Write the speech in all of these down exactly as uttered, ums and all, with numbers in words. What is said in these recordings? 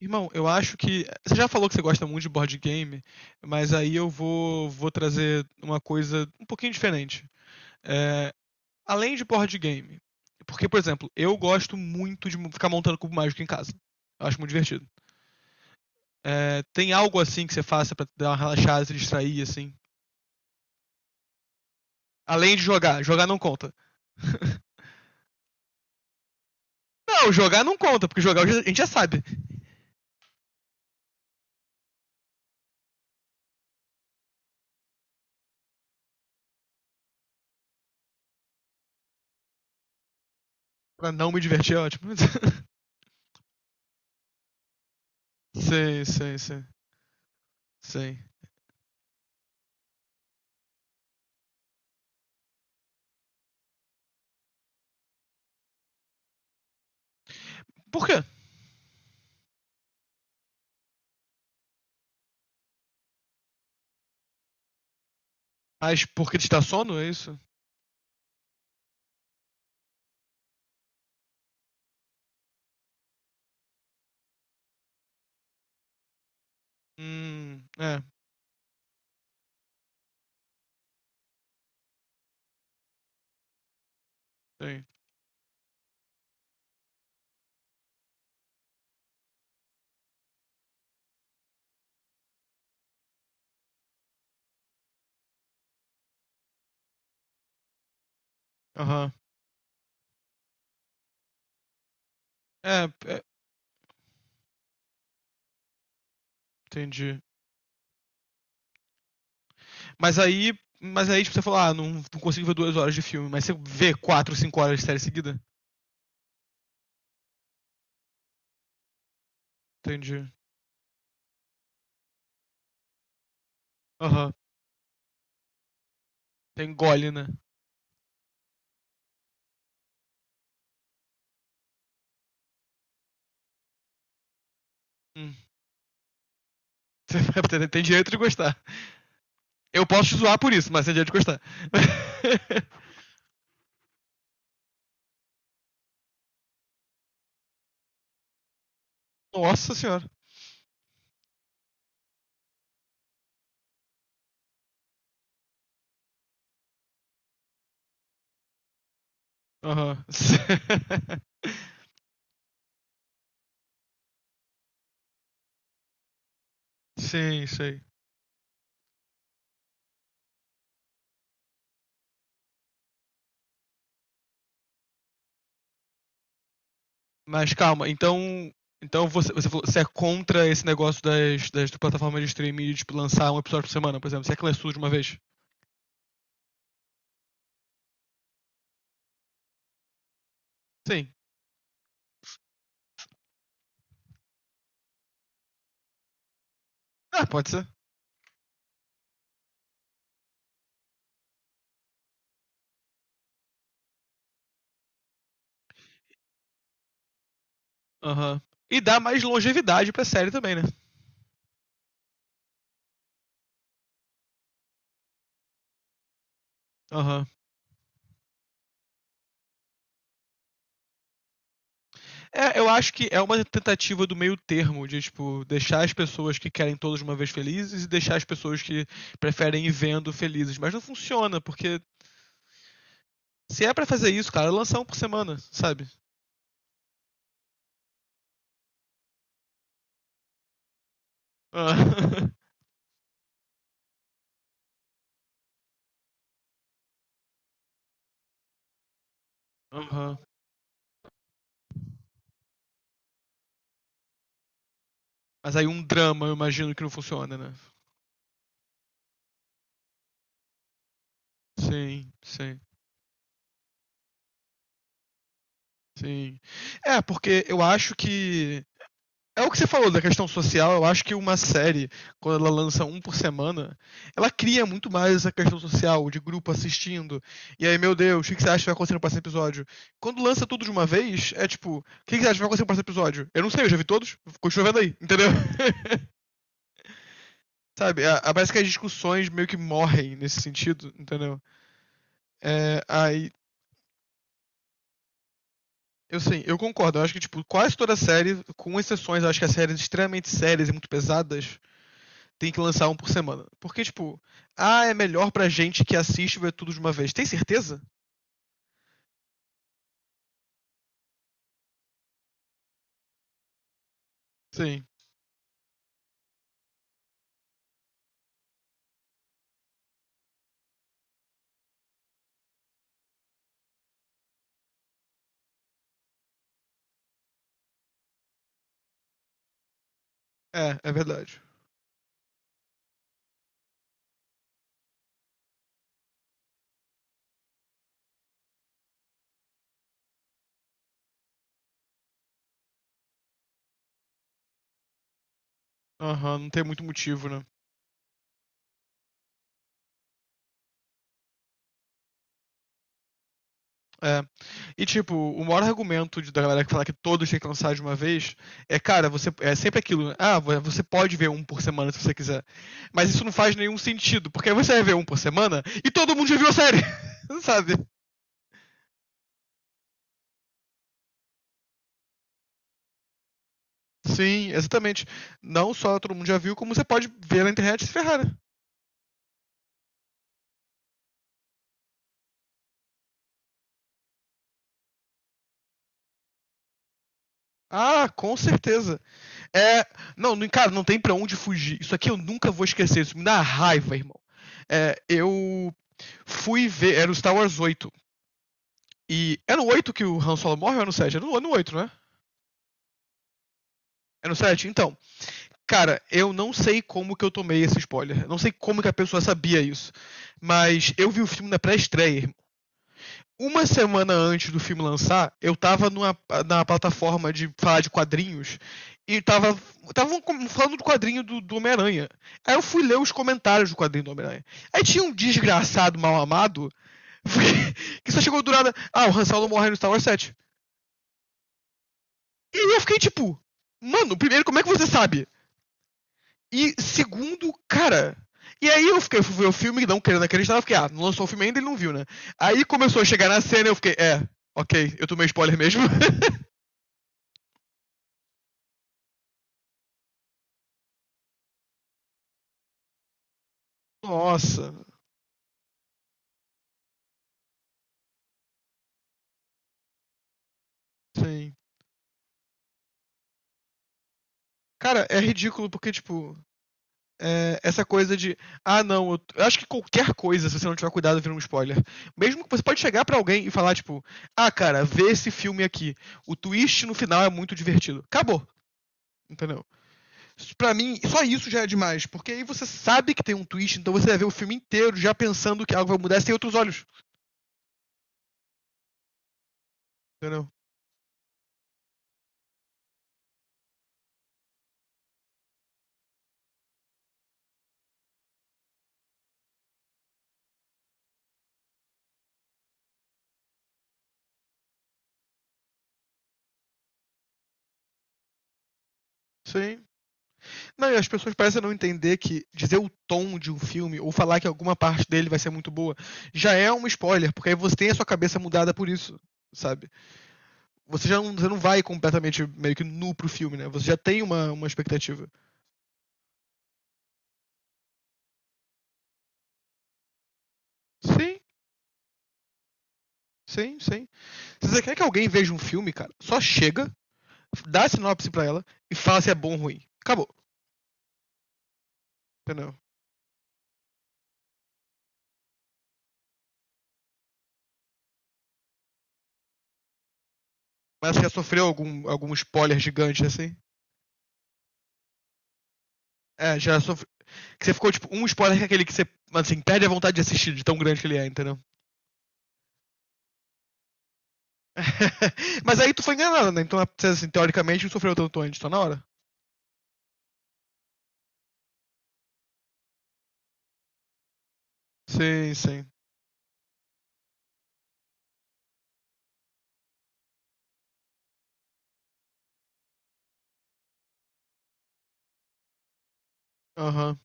Irmão, eu acho que. você já falou que você gosta muito de board game, mas aí eu vou, vou trazer uma coisa um pouquinho diferente. É, além de board game. Porque, por exemplo, eu gosto muito de ficar montando cubo mágico em casa. Eu acho muito divertido. É, tem algo assim que você faça pra dar uma relaxada, se distrair, assim? Além de jogar. Jogar não conta. não, jogar não conta, porque jogar eu já- a gente já sabe. Pra não me divertir é ótimo. sei, sei, sei. Sei. Por quê? Mas porque ele está sono, é isso? Hum, é, tem. Aham. É, é, entendi. Mas aí, mas aí tipo, você fala, ah, não, não consigo ver duas horas de filme, mas você vê quatro, cinco horas de série seguida? Entendi. Aham. Tem gole, né? Hum. Você tem tem direito de gostar. Eu posso te zoar por isso, mas tem direito de gostar. Nossa senhora. Aham. Sim, sei. Mas calma, então. Então você, você, falou- você é contra esse negócio das, das plataformas de streaming de tipo, lançar um episódio por semana, por exemplo. Se é que lança tudo de uma vez? Sim. Ah, pode ser. Aham. E dá mais longevidade pra série também, né? Aham. É, eu acho que é uma tentativa do meio termo, de tipo, deixar as pessoas que querem todas de uma vez felizes e deixar as pessoas que preferem ir vendo felizes. Mas não funciona, porque se é pra fazer isso, cara, lançar um por semana, sabe? Ah. Aham. Mas aí um drama, eu imagino que não funciona, né? Sim, sim, sim. É, porque eu acho que. É o que você falou da questão social. Eu acho que uma série, quando ela lança um por semana, ela cria muito mais essa questão social, de grupo assistindo. E aí, meu Deus, o que que você acha que vai acontecer no próximo episódio? Quando lança tudo de uma vez, é tipo, o que que você acha que vai acontecer no próximo episódio? Eu não sei, eu já vi todos, continua vendo aí, entendeu? Sabe? a- a- Parece que as discussões meio que morrem nesse sentido, entendeu? É, aí, eu sim, eu concordo. Eu acho que, tipo, quase toda série, com exceções, eu acho que as séries extremamente sérias e muito pesadas tem que lançar um por semana. Porque, tipo, ah, é melhor pra gente que assiste ver tudo de uma vez. Tem certeza? Sim. É, é verdade. Aham, não tem muito motivo, né? É. E, tipo, o maior argumento de, da galera que fala que todos têm que lançar de uma vez é, cara, você é sempre aquilo, né? Ah, vo- você pode ver um por semana se você quiser. Mas isso não faz nenhum sentido, porque aí você vai ver um por semana e todo mundo já viu a série, sabe? Sim, exatamente. Não só todo mundo já viu, como você pode ver na internet e se ferrar, né? Ah, com certeza. É. Não, não- cara, não tem pra onde fugir. Isso aqui eu nunca vou esquecer. Isso me dá raiva, irmão. É, eu fui ver. Era o Star Wars oito E. era no oito que o Han Solo morre ou é no sete? É no, é no oito né? É no sete? Então. Cara, eu não sei como que eu tomei esse spoiler. Não sei como que a pessoa sabia isso. Mas eu vi o filme na pré-estreia, uma semana antes do filme lançar, eu tava numa, na plataforma de falar de quadrinhos e tava, tava falando do quadrinho do, do Homem-Aranha. Aí eu fui ler os comentários do quadrinho do Homem-Aranha. Aí tinha um desgraçado mal amado que só chegou do nada. Ah, o Han Solo morre no Star Wars sete. E eu fiquei tipo, mano, primeiro, como é que você sabe? E segundo, cara, e aí eu fiquei, fui ver o filme, não querendo acreditar, eu fiquei, ah, não lançou o filme ainda, ele não viu, né? Aí começou a chegar na cena, e eu fiquei, é, ok, eu tomei spoiler mesmo. Nossa, sim. Cara, é ridículo porque, tipo, é, essa coisa de, ah, não, eu, eu acho que qualquer coisa, se você não tiver cuidado, vira um spoiler. Mesmo que você pode chegar pra alguém e falar, tipo, ah, cara, vê esse filme aqui. O twist no final é muito divertido. Acabou. Entendeu? Isso, pra mim, só isso já é demais, porque aí você sabe que tem um twist, então você vai ver o filme inteiro já pensando que algo vai mudar sem outros olhos. Entendeu? Sim. Não, e as pessoas parecem não entender que dizer o tom de um filme ou falar que alguma parte dele vai ser muito boa já é um spoiler, porque aí você tem a sua cabeça mudada por isso, sabe? Você já não, você não vai completamente meio que nu pro filme, né? Você já tem uma, uma expectativa. Sim, sim, sim. Se você quer que alguém veja um filme, cara, só chega, dá a sinopse pra ela e fala se é bom ou ruim. Acabou, entendeu? Mas você já sofreu algum, algum spoiler gigante assim? É, já sofreu. Você ficou, tipo, um spoiler que é aquele que você, assim, perde a vontade de assistir, de tão grande que ele é, entendeu? Mas aí tu foi enganado, né? Então, é, assim, teoricamente, não sofreu tanto antes, tá na hora? Sim, sim. Aham.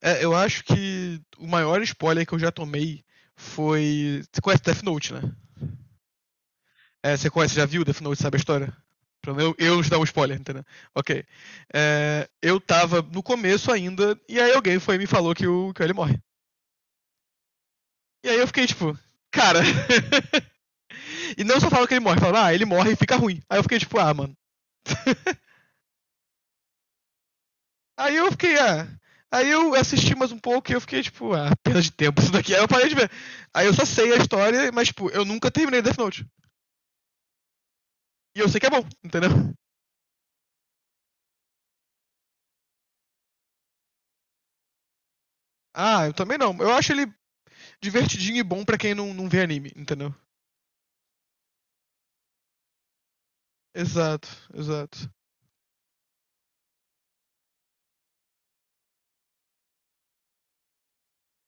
É, eu acho que o maior spoiler que eu já tomei foi. Você conhece Death Note, né? É, você conhece, já viu Death Note, sabe a história? Pra eu, eu não te dar um spoiler, entendeu? Ok. É, eu tava no começo ainda, e aí alguém foi e me falou que o que ele morre. E aí eu fiquei tipo, cara. e não só fala que ele morre, fala, ah, ele morre e fica ruim. Aí eu fiquei tipo, ah, mano. Aí eu fiquei, ah. Aí eu assisti mais um pouco e eu fiquei, tipo, ah, perda de tempo isso daqui. Aí eu parei de ver. Aí eu só sei a história, mas, tipo, eu nunca terminei Death Note. E eu sei que é bom, entendeu? Ah, eu também não. Eu acho ele divertidinho e bom pra quem não, não vê anime, entendeu? Exato, exato.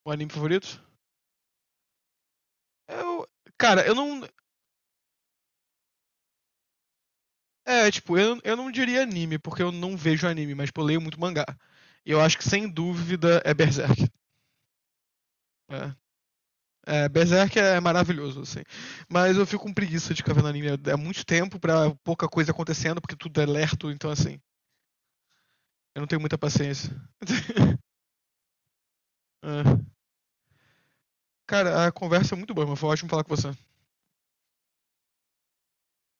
O anime favorito? Eu. Cara, eu não. É, tipo, eu, eu não diria anime, porque eu não vejo anime, mas, tipo, eu leio muito mangá. E eu acho que, sem dúvida, é Berserk. É, é, Berserk é maravilhoso, assim. Mas eu fico com preguiça de ficar na linha. É muito tempo pra pouca coisa acontecendo, porque tudo é lerto, então assim, eu não tenho muita paciência. É. Cara, a conversa é muito boa, mas foi ótimo falar com você.